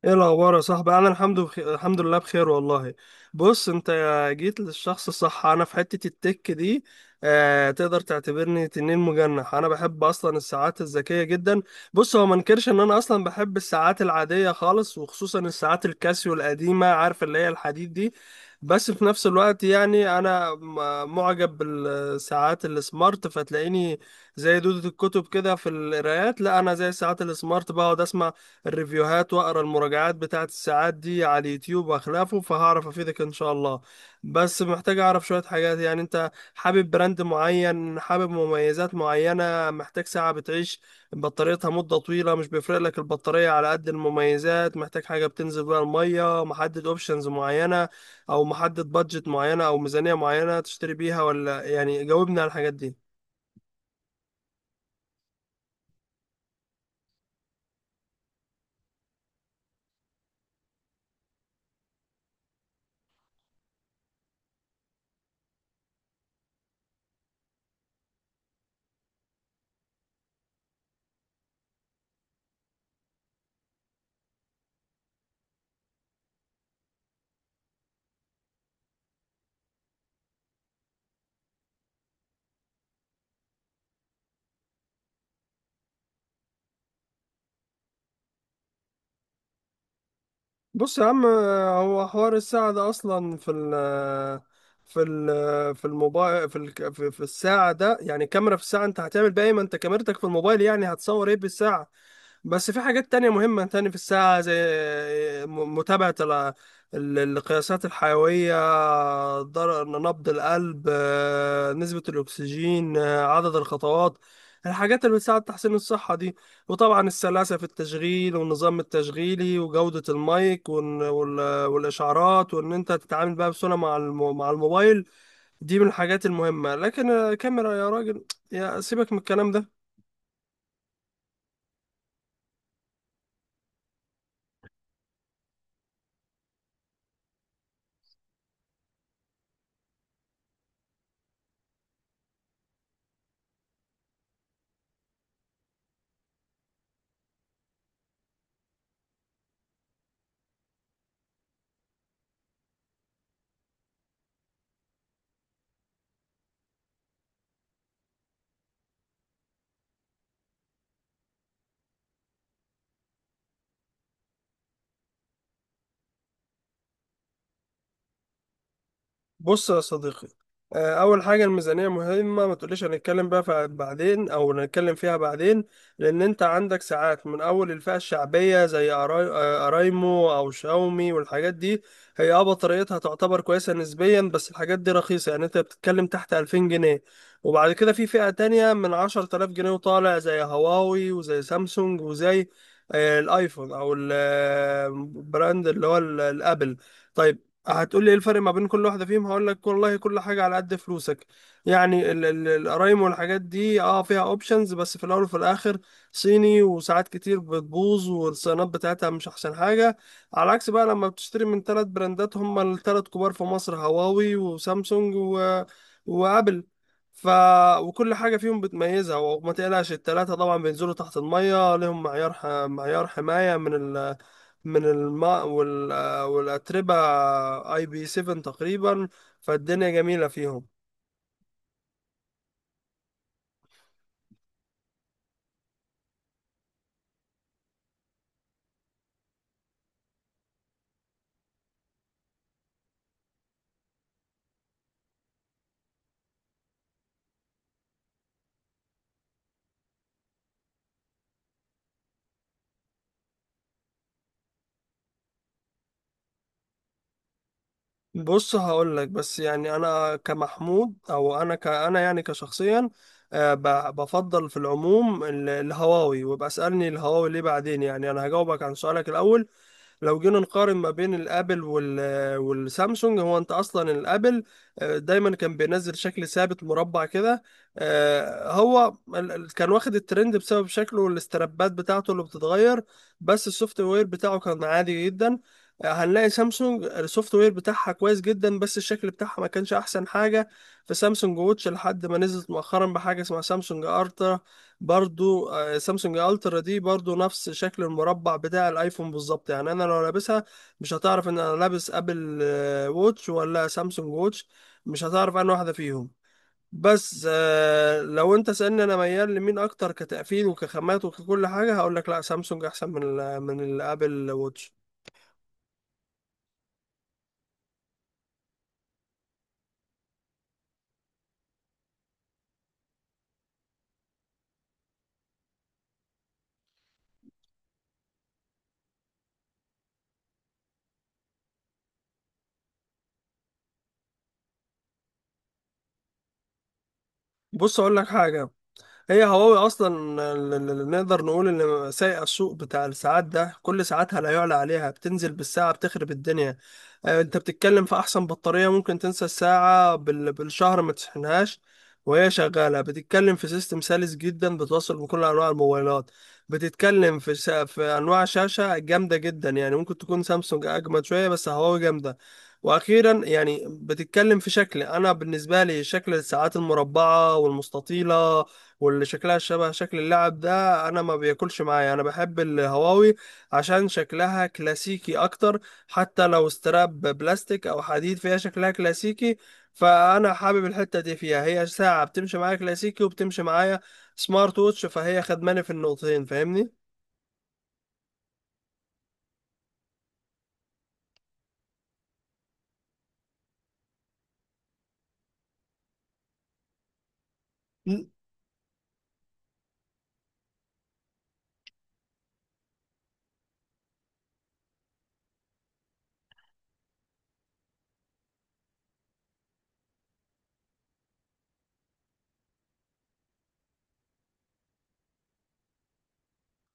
ايه الاخبار يا صاحبي؟ انا الحمد لله بخير والله. بص انت، جيت للشخص الصح. انا في حتة التك دي. آه، تقدر تعتبرني تنين مجنح. انا بحب اصلا الساعات الذكية جدا. بص، هو ما انكرش ان انا اصلا بحب الساعات العادية خالص، وخصوصا الساعات الكاسيو القديمة، عارف اللي هي الحديد دي. بس في نفس الوقت يعني انا معجب بالساعات السمارت، فتلاقيني زي دودة الكتب كده في القرايات. لا، انا زي الساعات السمارت، بقعد اسمع الريفيوهات واقرا المراجعات بتاعت الساعات دي على اليوتيوب واخلافه، فهعرف افيدك ان شاء الله. بس محتاج اعرف شوية حاجات. يعني انت حابب براند معين؟ حابب مميزات معينة؟ محتاج ساعة بتعيش بطاريتها مدة طويلة، مش بيفرق لك البطارية على قد المميزات؟ محتاج حاجة بتنزل بيها المية؟ محدد اوبشنز معينة، او محدد بادجت معينة او ميزانية معينة تشتري بيها؟ ولا يعني جاوبني على الحاجات دي. بص يا عم، هو حوار الساعة ده أصلا في الموبايل، في ال في في الساعة ده، يعني كاميرا في الساعة؟ أنت هتعمل بيها إيه؟ ما أنت كاميرتك في الموبايل، يعني هتصور إيه بالساعة؟ بس في حاجات تانية مهمة تاني في الساعة، زي متابعة القياسات الحيوية، نبض القلب، نسبة الأكسجين، عدد الخطوات، الحاجات اللي بتساعد تحسين الصحة دي. وطبعا السلاسة في التشغيل، والنظام التشغيلي، وجودة المايك، والإشعارات، وإن أنت تتعامل بقى بسهولة مع الموبايل. دي من الحاجات المهمة. لكن كاميرا يا راجل؟ يا سيبك من الكلام ده. بص يا صديقي، اول حاجه الميزانيه مهمه. ما تقوليش هنتكلم بقى فيها بعدين او نتكلم فيها بعدين. لان انت عندك ساعات من اول الفئه الشعبيه، زي ارايمو او شاومي والحاجات دي. هي بطاريتها تعتبر كويسه نسبيا، بس الحاجات دي رخيصه، يعني انت بتتكلم تحت 2000 جنيه. وبعد كده في فئه تانية من 10000 جنيه وطالع، زي هواوي وزي سامسونج وزي الايفون، او البراند اللي هو الابل. طيب، هتقول لي ايه الفرق ما بين كل واحده فيهم؟ هقول لك والله كل حاجه على قد فلوسك. يعني القرايم والحاجات دي فيها اوبشنز، بس في الاول وفي الاخر صيني، وساعات كتير بتبوظ، والصيانات بتاعتها مش احسن حاجه. على عكس بقى لما بتشتري من ثلاث براندات، هم الثلاث كبار في مصر: هواوي، وسامسونج، وابل. ف وكل حاجه فيهم بتميزها، وما تقلقش. الثلاثه طبعا بينزلوا تحت الميه، لهم معيار حمايه من الماء والأتربة، اي بي 7 تقريبا. فالدنيا جميلة فيهم. بص هقول لك، بس يعني انا كمحمود، او انا ك انا يعني كشخصيا، بفضل في العموم الهواوي. وابقى اسالني الهواوي ليه بعدين. يعني انا هجاوبك عن سؤالك الاول. لو جينا نقارن ما بين الابل والسامسونج: هو انت اصلا الابل دايما كان بينزل شكل ثابت مربع كده. هو كان واخد الترند بسبب شكله والاسترابات بتاعته اللي بتتغير، بس السوفت وير بتاعه كان عادي جدا. هنلاقي سامسونج السوفت وير بتاعها كويس جدا، بس الشكل بتاعها ما كانش احسن حاجة في سامسونج ووتش، لحد ما نزلت مؤخرا بحاجة اسمها سامسونج ارتا. برضو سامسونج الترا دي برضو نفس شكل المربع بتاع الايفون بالظبط. يعني انا لو لابسها، مش هتعرف ان انا لابس ابل ووتش ولا سامسونج ووتش، مش هتعرف انا واحدة فيهم. بس لو انت سألني انا ميال لمين اكتر، كتقفيل وكخامات وككل حاجة، هقول لك لا، سامسونج احسن من ال من الابل ووتش. بص اقول لك حاجة، هي هواوي اصلا نقدر نقول ان سايقه السوق بتاع الساعات ده. كل ساعاتها لا يعلى عليها، بتنزل بالساعه بتخرب الدنيا. انت بتتكلم في احسن بطاريه، ممكن تنسى الساعه بالشهر ما تشحنهاش وهي شغاله. بتتكلم في سيستم سلس جدا، بتوصل بكل انواع الموبايلات. بتتكلم في في انواع شاشه جامده جدا، يعني ممكن تكون سامسونج اجمد شويه، بس هواوي جامده. واخيرا يعني بتتكلم في شكل، انا بالنسبه لي شكل الساعات المربعه والمستطيله واللي شكلها شبه شكل اللعب ده، انا ما بياكلش معايا. انا بحب الهواوي عشان شكلها كلاسيكي اكتر، حتى لو استراب بلاستيك او حديد فيها، شكلها كلاسيكي. فانا حابب الحتة دي فيها، هي ساعة بتمشي معايا كلاسيكي وبتمشي معايا سمارت ووتش، فهي خدماني في النقطتين، فاهمني؟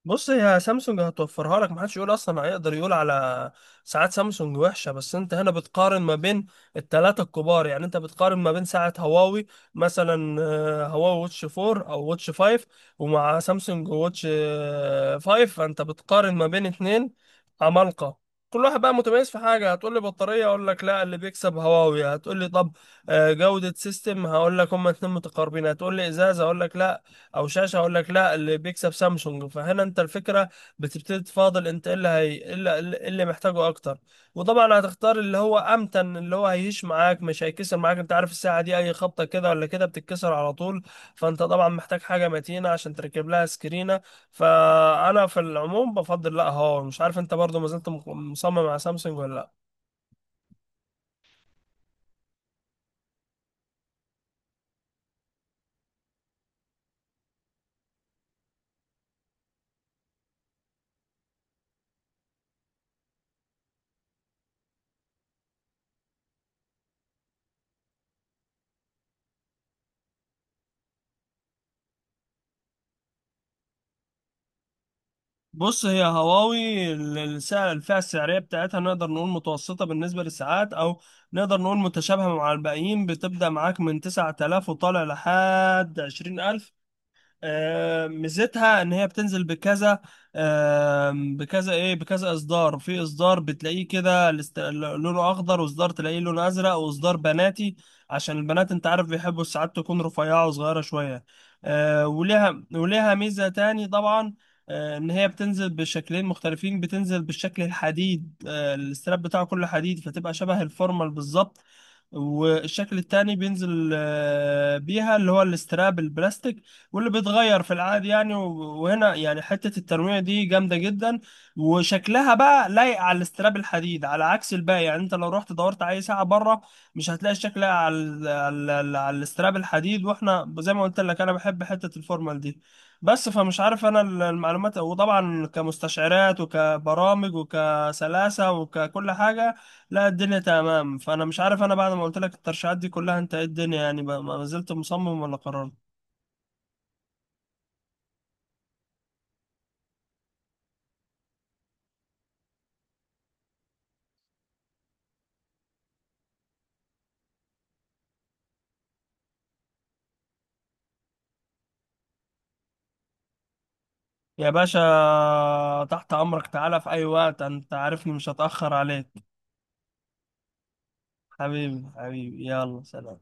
بص، هي سامسونج هتوفرها لك، محدش يقول اصلا هيقدر يقول على ساعات سامسونج وحشه. بس انت هنا بتقارن ما بين الثلاثه الكبار، يعني انت بتقارن ما بين ساعه هواوي مثلا، هواوي واتش 4 او واتش 5، ومع سامسونج واتش 5. فانت بتقارن ما بين اتنين عمالقه. كل واحد بقى متميز في حاجه. هتقول لي بطاريه، اقول لك لا، اللي بيكسب هواوي. هتقول لي طب، جوده سيستم، هقول لك هما اتنين متقاربين. هتقول لي ازازه، اقول لك لا، او شاشه، اقول لك لا، اللي بيكسب سامسونج. فهنا انت الفكره بتبتدي تفاضل انت ايه اللي هي إيه اللي, إيه اللي محتاجه اكتر. وطبعا هتختار اللي هو امتن، اللي هو هيهش معاك، مش هيكسر معاك. انت عارف الساعه دي اي خبطه كده ولا كده بتتكسر على طول، فانت طبعا محتاج حاجه متينه عشان تركب لها سكرينه. فانا في العموم بفضل لا، هواوي. مش عارف انت برضو ما زلت مصمم على سامسونج ولا لا. بص هي هواوي السعر، الفئة السعرية بتاعتها نقدر نقول متوسطة بالنسبة للساعات، أو نقدر نقول متشابهة مع الباقيين، بتبدأ معاك من 9000 وطالع لحد 20000. ميزتها ان هي بتنزل بكذا، آه، بكذا ايه بكذا اصدار. في اصدار بتلاقيه كده لونه اخضر، واصدار تلاقيه لونه ازرق، واصدار بناتي عشان البنات انت عارف بيحبوا ساعات تكون رفيعة وصغيرة شوية. وليها ميزة تاني طبعا، ان هي بتنزل بشكلين مختلفين. بتنزل بالشكل الحديد، الاستراب بتاعه كله حديد، فتبقى شبه الفورمال بالظبط. والشكل التاني بينزل بيها اللي هو الاستراب البلاستيك واللي بيتغير في العادي، يعني وهنا يعني حتة التنويع دي جامدة جدا. وشكلها بقى لايق على الاستراب الحديد، على عكس الباقي. يعني انت لو رحت دورت على اي ساعة بره، مش هتلاقي الشكل لايق على الاستراب الحديد. واحنا زي ما قلت لك انا بحب حتة الفورمال دي بس، فمش عارف. انا المعلومات، وطبعا كمستشعرات وكبرامج وكسلاسة وككل حاجة، لا الدنيا تمام. فانا مش عارف انا بعد ما قلت لك الترشيحات دي كلها، انت ايه الدنيا يعني بقى، ما زلت مصمم ولا قررت؟ يا باشا، تحت امرك، تعالى في اي وقت، انت عارفني مش هتاخر عليك. حبيبي، حبيبي، يلا سلام.